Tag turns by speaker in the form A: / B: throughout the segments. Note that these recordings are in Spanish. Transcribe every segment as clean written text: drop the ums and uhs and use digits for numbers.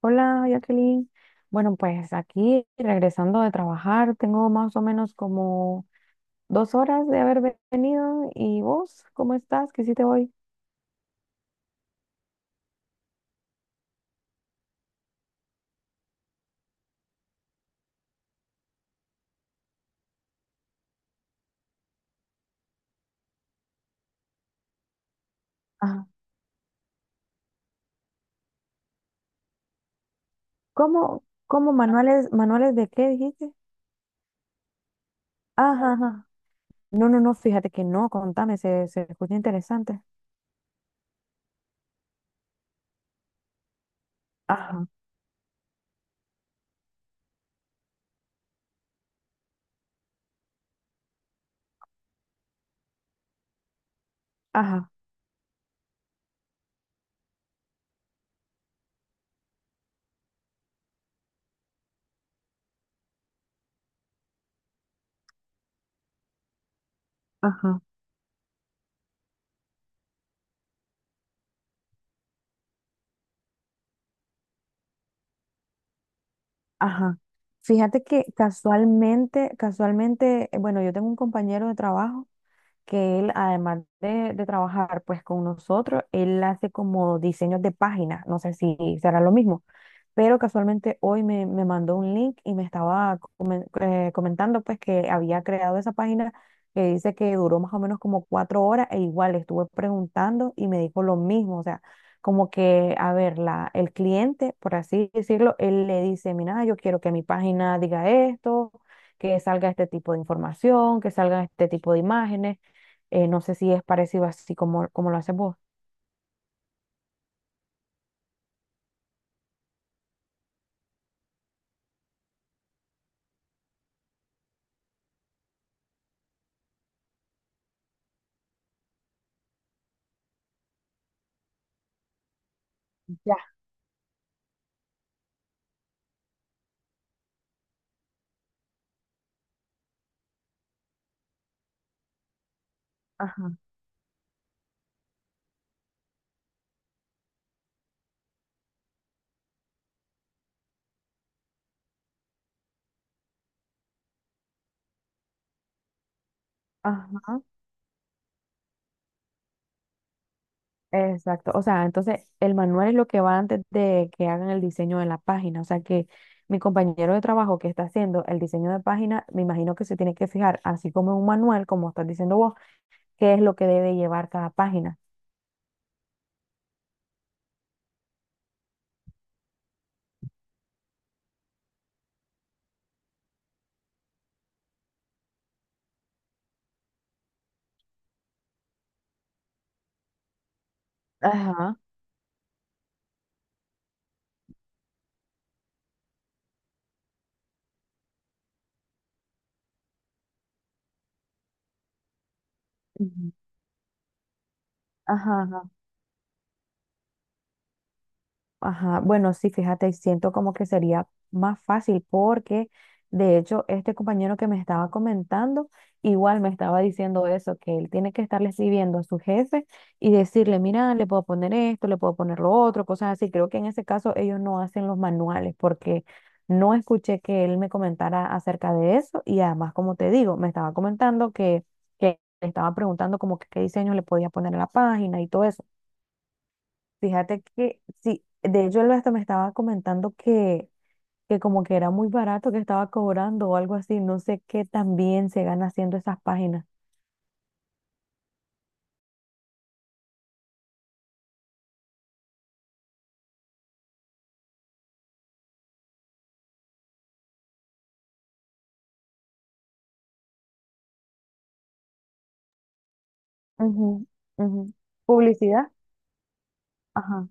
A: Hola, Jacqueline. Bueno, pues aquí regresando de trabajar, tengo más o menos como 2 horas de haber venido. ¿Y vos, cómo estás? ¿Qué hiciste hoy? Ajá. ¿Cómo manuales de qué dijiste? Ajá, ajá. No, no, no, fíjate que no, contame, se escucha interesante. Ajá, ajá, ajá, ajá. Fíjate que casualmente, casualmente, bueno, yo tengo un compañero de trabajo que él, además de trabajar pues con nosotros, él hace como diseños de páginas, no sé si será lo mismo, pero casualmente hoy me mandó un link y me estaba comentando pues que había creado esa página que dice que duró más o menos como 4 horas e igual le estuve preguntando y me dijo lo mismo, o sea, como que, a ver, el cliente, por así decirlo, él le dice, mira, yo quiero que mi página diga esto, que salga este tipo de información, que salgan este tipo de imágenes, no sé si es parecido así como lo haces vos. Ya, ajá, ajá. Exacto, o sea, entonces el manual es lo que va antes de que hagan el diseño de la página, o sea que mi compañero de trabajo que está haciendo el diseño de página, me imagino que se tiene que fijar, así como en un manual, como estás diciendo vos, qué es lo que debe llevar cada página. Ajá, ujú, ajá, ajá. Ajá, bueno, sí, fíjate, siento como que sería más fácil porque de hecho este compañero que me estaba comentando igual me estaba diciendo eso, que él tiene que estarle escribiendo a su jefe y decirle, mira, le puedo poner esto, le puedo poner lo otro, cosas así. Creo que en ese caso ellos no hacen los manuales porque no escuché que él me comentara acerca de eso y además, como te digo, me estaba comentando que le estaba preguntando como que qué diseño le podía poner a la página y todo eso. Fíjate que sí, de hecho él hasta me estaba comentando que como que era muy barato que estaba cobrando o algo así, no sé qué también se gana haciendo esas páginas. Ujú, ujú. Publicidad. Ajá.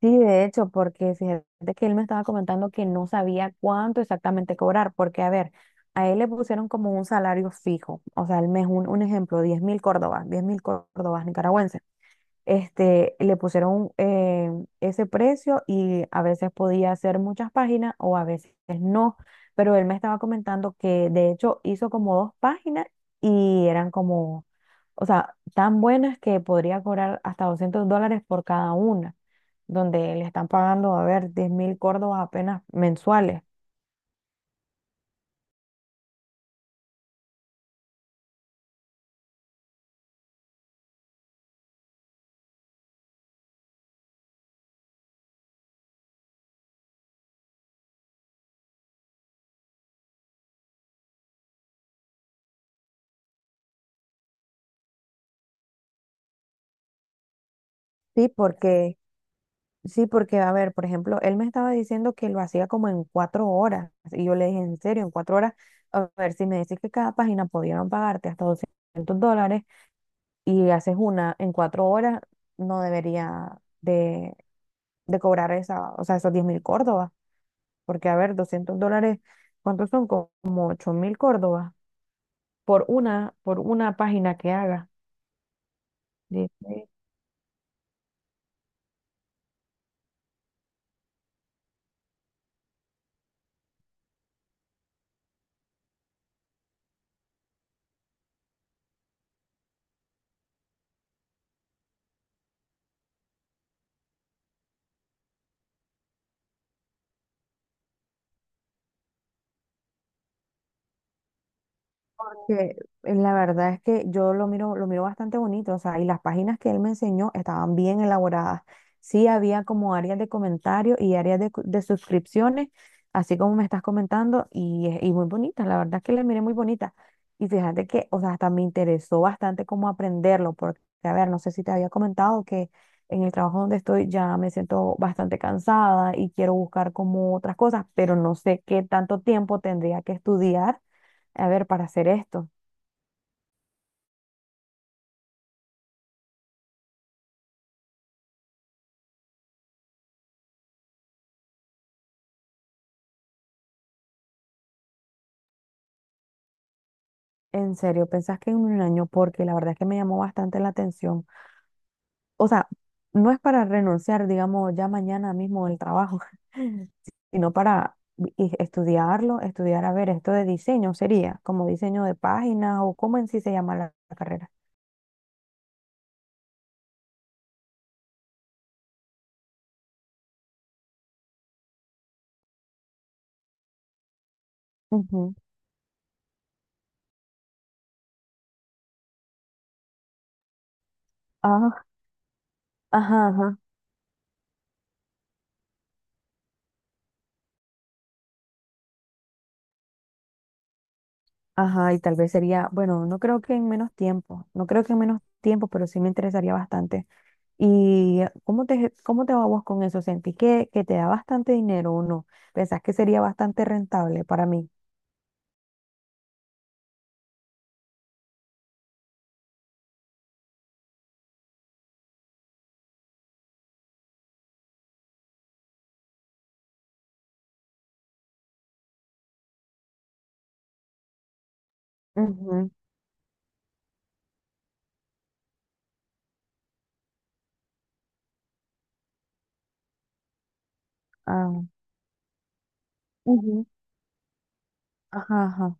A: Sí, de hecho, porque fíjate que él me estaba comentando que no sabía cuánto exactamente cobrar, porque a ver, a él le pusieron como un salario fijo, o sea, al mes, un ejemplo, 10.000 córdobas, 10.000 córdobas nicaragüenses. Este, le pusieron ese precio y a veces podía hacer muchas páginas o a veces no, pero él me estaba comentando que de hecho hizo como dos páginas y eran como, o sea, tan buenas que podría cobrar hasta $200 por cada una, donde le están pagando, a ver, 10.000 córdobas apenas mensuales. Sí, porque Sí, porque, a ver, por ejemplo, él me estaba diciendo que lo hacía como en 4 horas. Y yo le dije, en serio, en 4 horas, a ver, si me decís que cada página pudieron pagarte hasta $200 y haces una en 4 horas, no debería de cobrar esa, o sea, esos 10.000 córdobas. Porque, a ver, $200, ¿cuántos son? Como 8.000 córdobas por una página que haga. Que La verdad es que yo lo miro bastante bonito, o sea, y las páginas que él me enseñó estaban bien elaboradas. Sí había como áreas de comentarios y áreas de suscripciones, así como me estás comentando, y muy bonitas, la verdad es que las miré muy bonitas. Y fíjate que, o sea, hasta me interesó bastante cómo aprenderlo, porque, a ver, no sé si te había comentado que en el trabajo donde estoy ya me siento bastante cansada y quiero buscar como otras cosas, pero no sé qué tanto tiempo tendría que estudiar, a ver, para hacer esto. En serio, ¿pensás que en un año? Porque la verdad es que me llamó bastante la atención. O sea, no es para renunciar, digamos, ya mañana mismo del trabajo, sino para estudiarlo, estudiar, a ver, esto de diseño sería, como diseño de páginas o cómo en sí se llama la carrera. Ujú. Ah, ajá, ajá, ajá, y tal vez sería, bueno, no creo que en menos tiempo, no creo que en menos tiempo, pero sí me interesaría bastante. ¿Y cómo te va vos con eso? ¿Sentí que te da bastante dinero o no? ¿Pensás que sería bastante rentable para mí? Ujú, ah, ujú, ajá, ajá,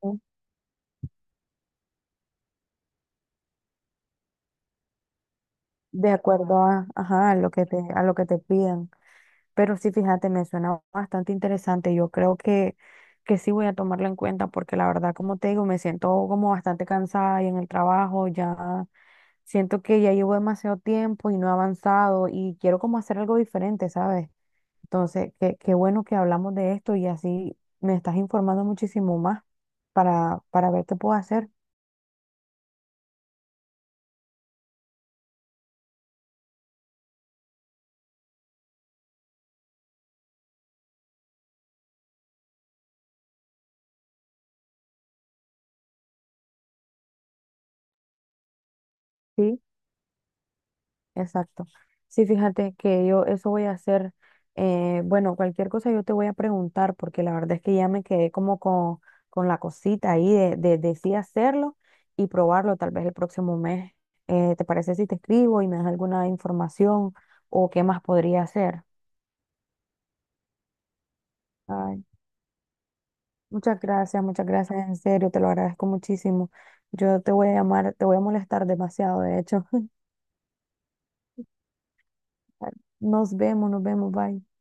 A: ujú. De acuerdo a, ajá, a lo que te pidan. Pero sí, fíjate, me suena bastante interesante. Yo creo que sí voy a tomarlo en cuenta porque la verdad, como te digo, me siento como bastante cansada y en el trabajo ya siento que ya llevo demasiado tiempo y no he avanzado y quiero como hacer algo diferente, ¿sabes? Entonces, qué bueno que hablamos de esto y así me estás informando muchísimo más para ver qué puedo hacer. Sí, exacto. Sí, fíjate que yo eso voy a hacer. Bueno, cualquier cosa yo te voy a preguntar porque la verdad es que ya me quedé como con la cosita ahí de sí hacerlo y probarlo tal vez el próximo mes. ¿Te parece si te escribo y me das alguna información o qué más podría hacer? Ay, muchas gracias, muchas gracias, en serio, te lo agradezco muchísimo. Yo te voy a llamar, te voy a molestar demasiado, de hecho. Nos vemos, bye.